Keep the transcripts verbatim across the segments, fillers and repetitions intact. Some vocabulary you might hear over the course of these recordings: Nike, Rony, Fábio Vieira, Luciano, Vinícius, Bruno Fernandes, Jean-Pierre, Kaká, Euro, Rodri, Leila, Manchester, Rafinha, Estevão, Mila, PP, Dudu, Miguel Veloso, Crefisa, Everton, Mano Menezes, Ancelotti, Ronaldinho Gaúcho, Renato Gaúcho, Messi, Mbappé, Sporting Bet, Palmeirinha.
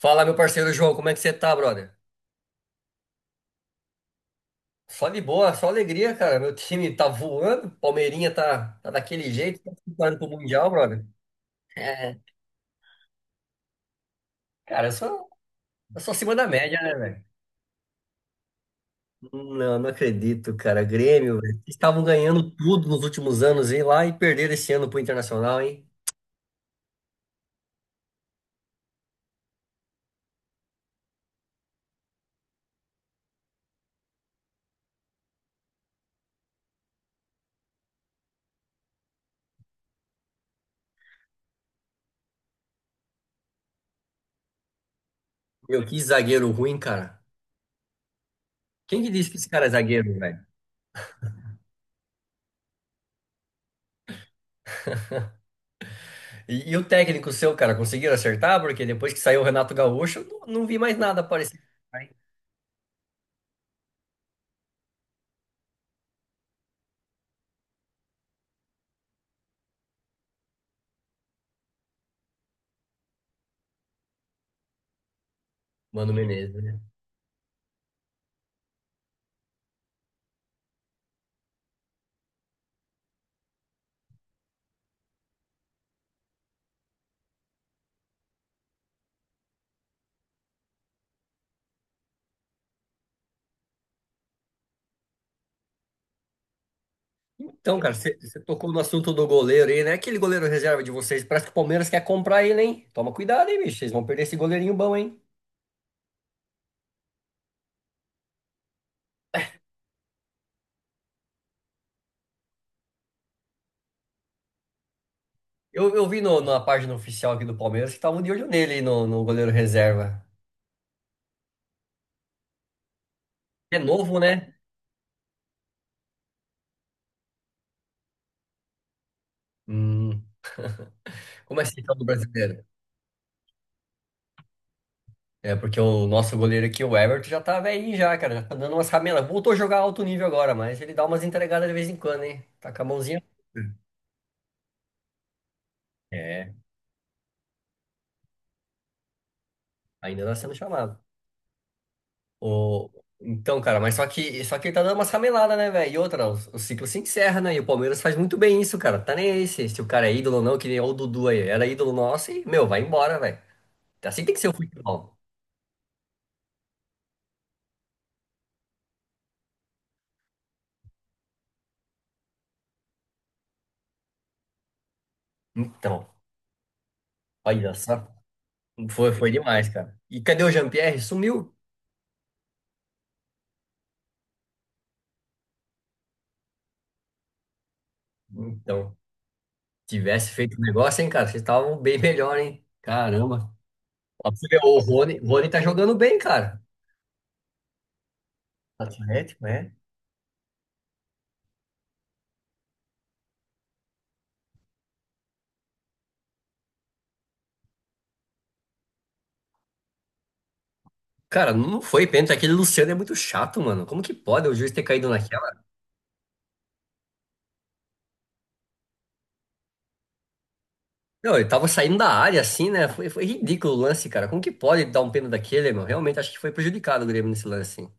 Fala, meu parceiro João, como é que você tá, brother? Só de boa, só alegria, cara. Meu time tá voando, Palmeirinha tá, tá daquele jeito, tá preparando pro Mundial, brother. É, cara, eu sou, eu sou acima da média, né, velho? Não, não acredito, cara. Grêmio, velho. Vocês estavam ganhando tudo nos últimos anos, hein, lá, e perderam esse ano pro Internacional, hein? Meu, que zagueiro ruim, cara. Quem que disse que esse cara é zagueiro, velho? E, e o técnico seu, cara, conseguiram acertar? Porque depois que saiu o Renato Gaúcho, eu não, não vi mais nada aparecer. Mano Menezes, né? Então, cara, você você tocou no assunto do goleiro aí, né? Aquele goleiro reserva de vocês, parece que o Palmeiras quer comprar ele, hein? Toma cuidado, hein, bicho? Vocês vão perder esse goleirinho bom, hein? Eu, eu vi no, na página oficial aqui do Palmeiras que estavam de olho nele, no, no goleiro reserva. É novo, né? Hum, como é esse tal do brasileiro? É, porque o nosso goleiro aqui, o Everton, já tá velhinho já, cara. Já tá dando umas ramelas. Voltou a jogar alto nível agora, mas ele dá umas entregadas de vez em quando, hein? Tá com a mãozinha. É, ainda tá sendo chamado. O... Então, cara, mas só que, só que ele tá dando umas rameladas, né, velho? E outra, o, o ciclo se encerra, né? E o Palmeiras faz muito bem isso, cara. Tá nem aí se, se o cara é ídolo ou não, que nem o Dudu aí. Era ídolo nosso e, meu, vai embora, velho. Assim tem que ser o futebol. Então, olha só. Foi, foi demais, cara. E cadê o Jean-Pierre? Sumiu. Então, tivesse feito o negócio, hein, cara? Vocês estavam bem melhor, hein? Caramba. Ó, pra você ver, o Rony, o Rony tá jogando bem, cara. Atlético, é. Cara, não foi pênalti. Aquele Luciano é muito chato, mano. Como que pode o juiz ter caído naquela? Não, ele tava saindo da área assim, né? Foi, foi ridículo o lance, cara. Como que pode dar um pênalti daquele, meu? Realmente acho que foi prejudicado o Grêmio nesse lance, hein?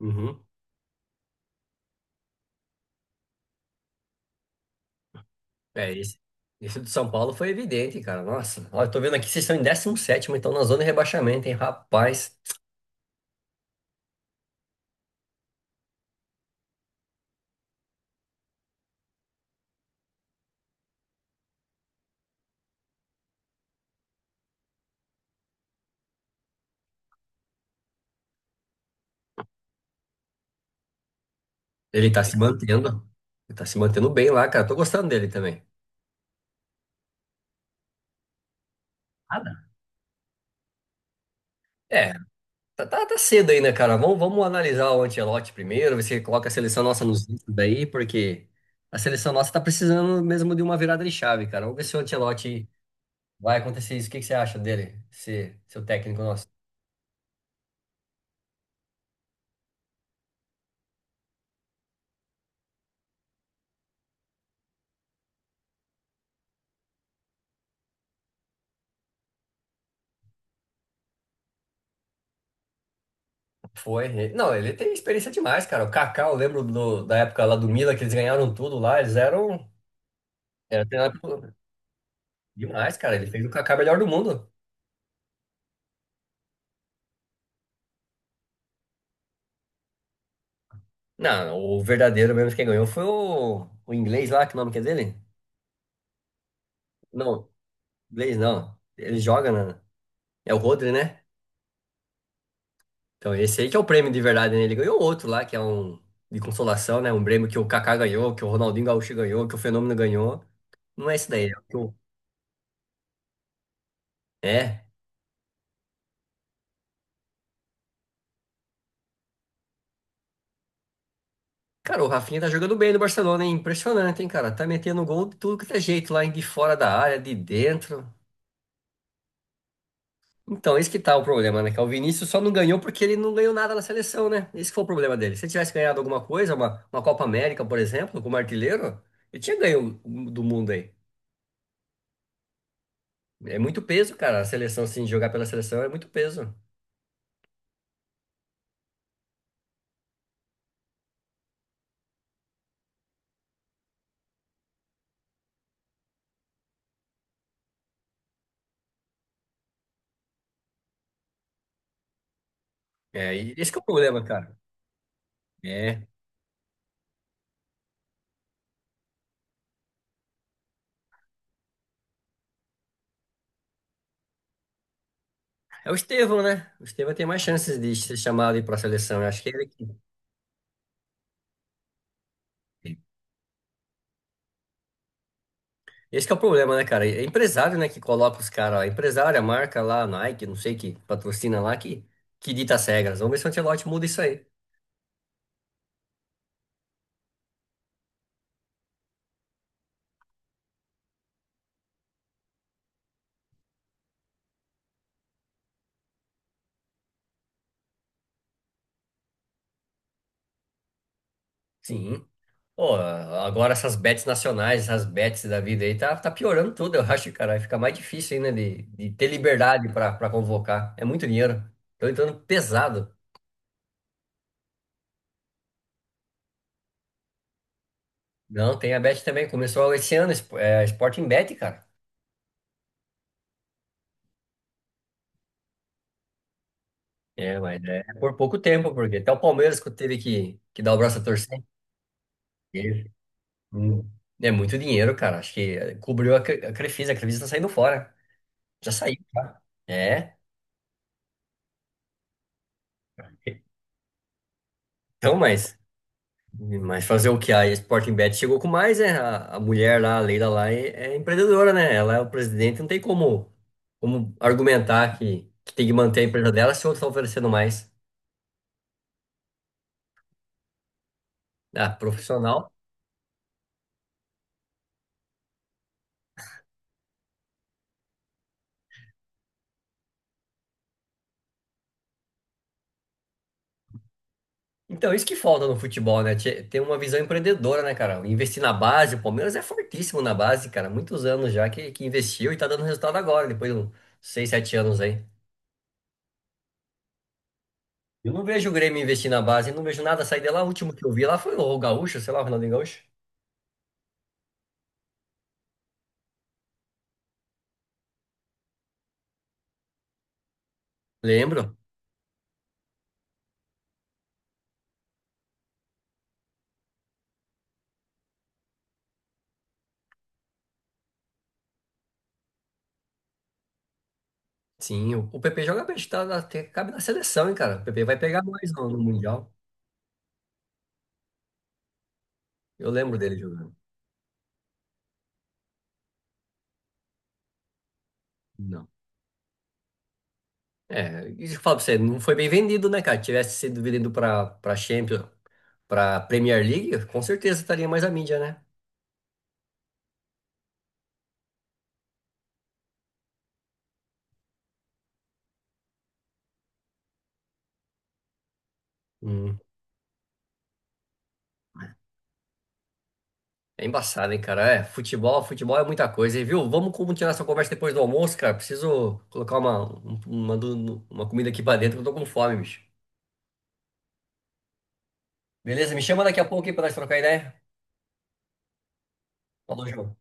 Uhum. É, esse, esse do São Paulo foi evidente, cara. Nossa, ó, eu tô vendo aqui, vocês estão em décimo sétimo então na zona de rebaixamento, hein? Rapaz, ele tá se mantendo. Ele tá se mantendo bem lá, cara. Tô gostando dele também. Nada. É, tá, tá, tá cedo ainda, cara. Vamos, vamos analisar o Ancelotti primeiro, ver se ele coloca a seleção nossa nos vídeos daí, porque a seleção nossa tá precisando mesmo de uma virada de chave, cara. Vamos ver se o Ancelotti vai acontecer isso. O que que você acha dele? Se, seu técnico nosso. Foi. ele- Não, ele tem experiência demais, cara. O Kaká, eu lembro do- da época lá do Mila, que eles ganharam tudo lá. Eles eram. Era treinado por- demais, cara. Ele fez o Kaká melhor do mundo. Não, o verdadeiro mesmo quem ganhou foi o, o inglês lá, que nome que é dele? Não, inglês não. Ele joga na. É o Rodri, né? Então esse aí que é o prêmio de verdade, né? Ele ganhou outro lá, que é um de consolação, né? Um prêmio que o Kaká ganhou, que o Ronaldinho Gaúcho ganhou, que o Fenômeno ganhou. Não é esse daí. É o que o- é. Cara, o Rafinha tá jogando bem no Barcelona, hein? Impressionante, hein, cara? Tá metendo gol de tudo que é jeito lá, de fora da área, de dentro. Então, esse que tá o problema, né? Que é o Vinícius só não ganhou porque ele não ganhou nada na seleção, né? Esse que foi o problema dele. Se ele tivesse ganhado alguma coisa, uma, uma Copa América, por exemplo, como artilheiro, ele tinha ganho do mundo aí. É muito peso, cara. A seleção, assim, jogar pela seleção é muito peso. É, e esse que é o problema, cara. É, é o Estevão, né? O Estevão tem mais chances de ser chamado aí pra seleção. Eu acho que é ele que. Esse que é o problema, né, cara? É empresário, né, que coloca os caras, ó. Empresário, a marca lá, Nike, não sei que patrocina lá, que, que dita as regras. Vamos ver se o Ancelotti muda isso aí. Sim. Pô, agora essas bets nacionais, essas bets da vida aí, tá, tá piorando tudo, eu acho, cara. Fica mais difícil ainda de, de ter liberdade pra pra convocar. É muito dinheiro. Tô entrando pesado. Não, tem a bet também. Começou esse ano, Sp- é, Sporting Bet, cara. É, mas é por pouco tempo, porque até o Palmeiras que teve que, que dar o braço a torcer. Hum, É muito dinheiro, cara. Acho que eh, cobriu a Cre- a Crefisa. A Crefisa tá saindo fora. Já saiu, tá? É. Então, mas, mas fazer o que a Sporting Bet chegou com mais, é a, a mulher lá, a Leila lá, é, é empreendedora, né? Ela é o presidente, não tem como, como argumentar que, que tem que manter a empresa dela se outros estão oferecendo mais. Ah, profissional. Então, isso que falta no futebol, né? Te- Ter uma visão empreendedora, né, cara? Investir na base, o Palmeiras é fortíssimo na base, cara. Muitos anos já que, que investiu e tá dando resultado agora, depois de uns seis, sete anos aí. Eu não vejo o Grêmio investir na base, não vejo nada sair de lá. O último que eu vi lá foi o Gaúcho, sei lá, o Ronaldinho Gaúcho. Lembro. Sim, o, o P P joga bem, tá, na- até cabe na seleção, hein, cara? O P P vai pegar mais no, no Mundial. Eu lembro dele jogando. Não. É, isso que eu falo pra você, não foi bem vendido, né, cara? Tivesse sido vendido pra, pra Champions, pra Premier League, com certeza estaria mais a mídia, né? Hum, é embaçado, hein, cara? É, futebol, futebol é muita coisa, hein, viu? Vamos continuar essa conversa depois do almoço, cara. Preciso colocar uma, um- uma, do- uma comida aqui pra dentro, que eu tô com fome, bicho. Beleza? Me chama daqui a pouco aí pra nós trocar ideia. Falou, João.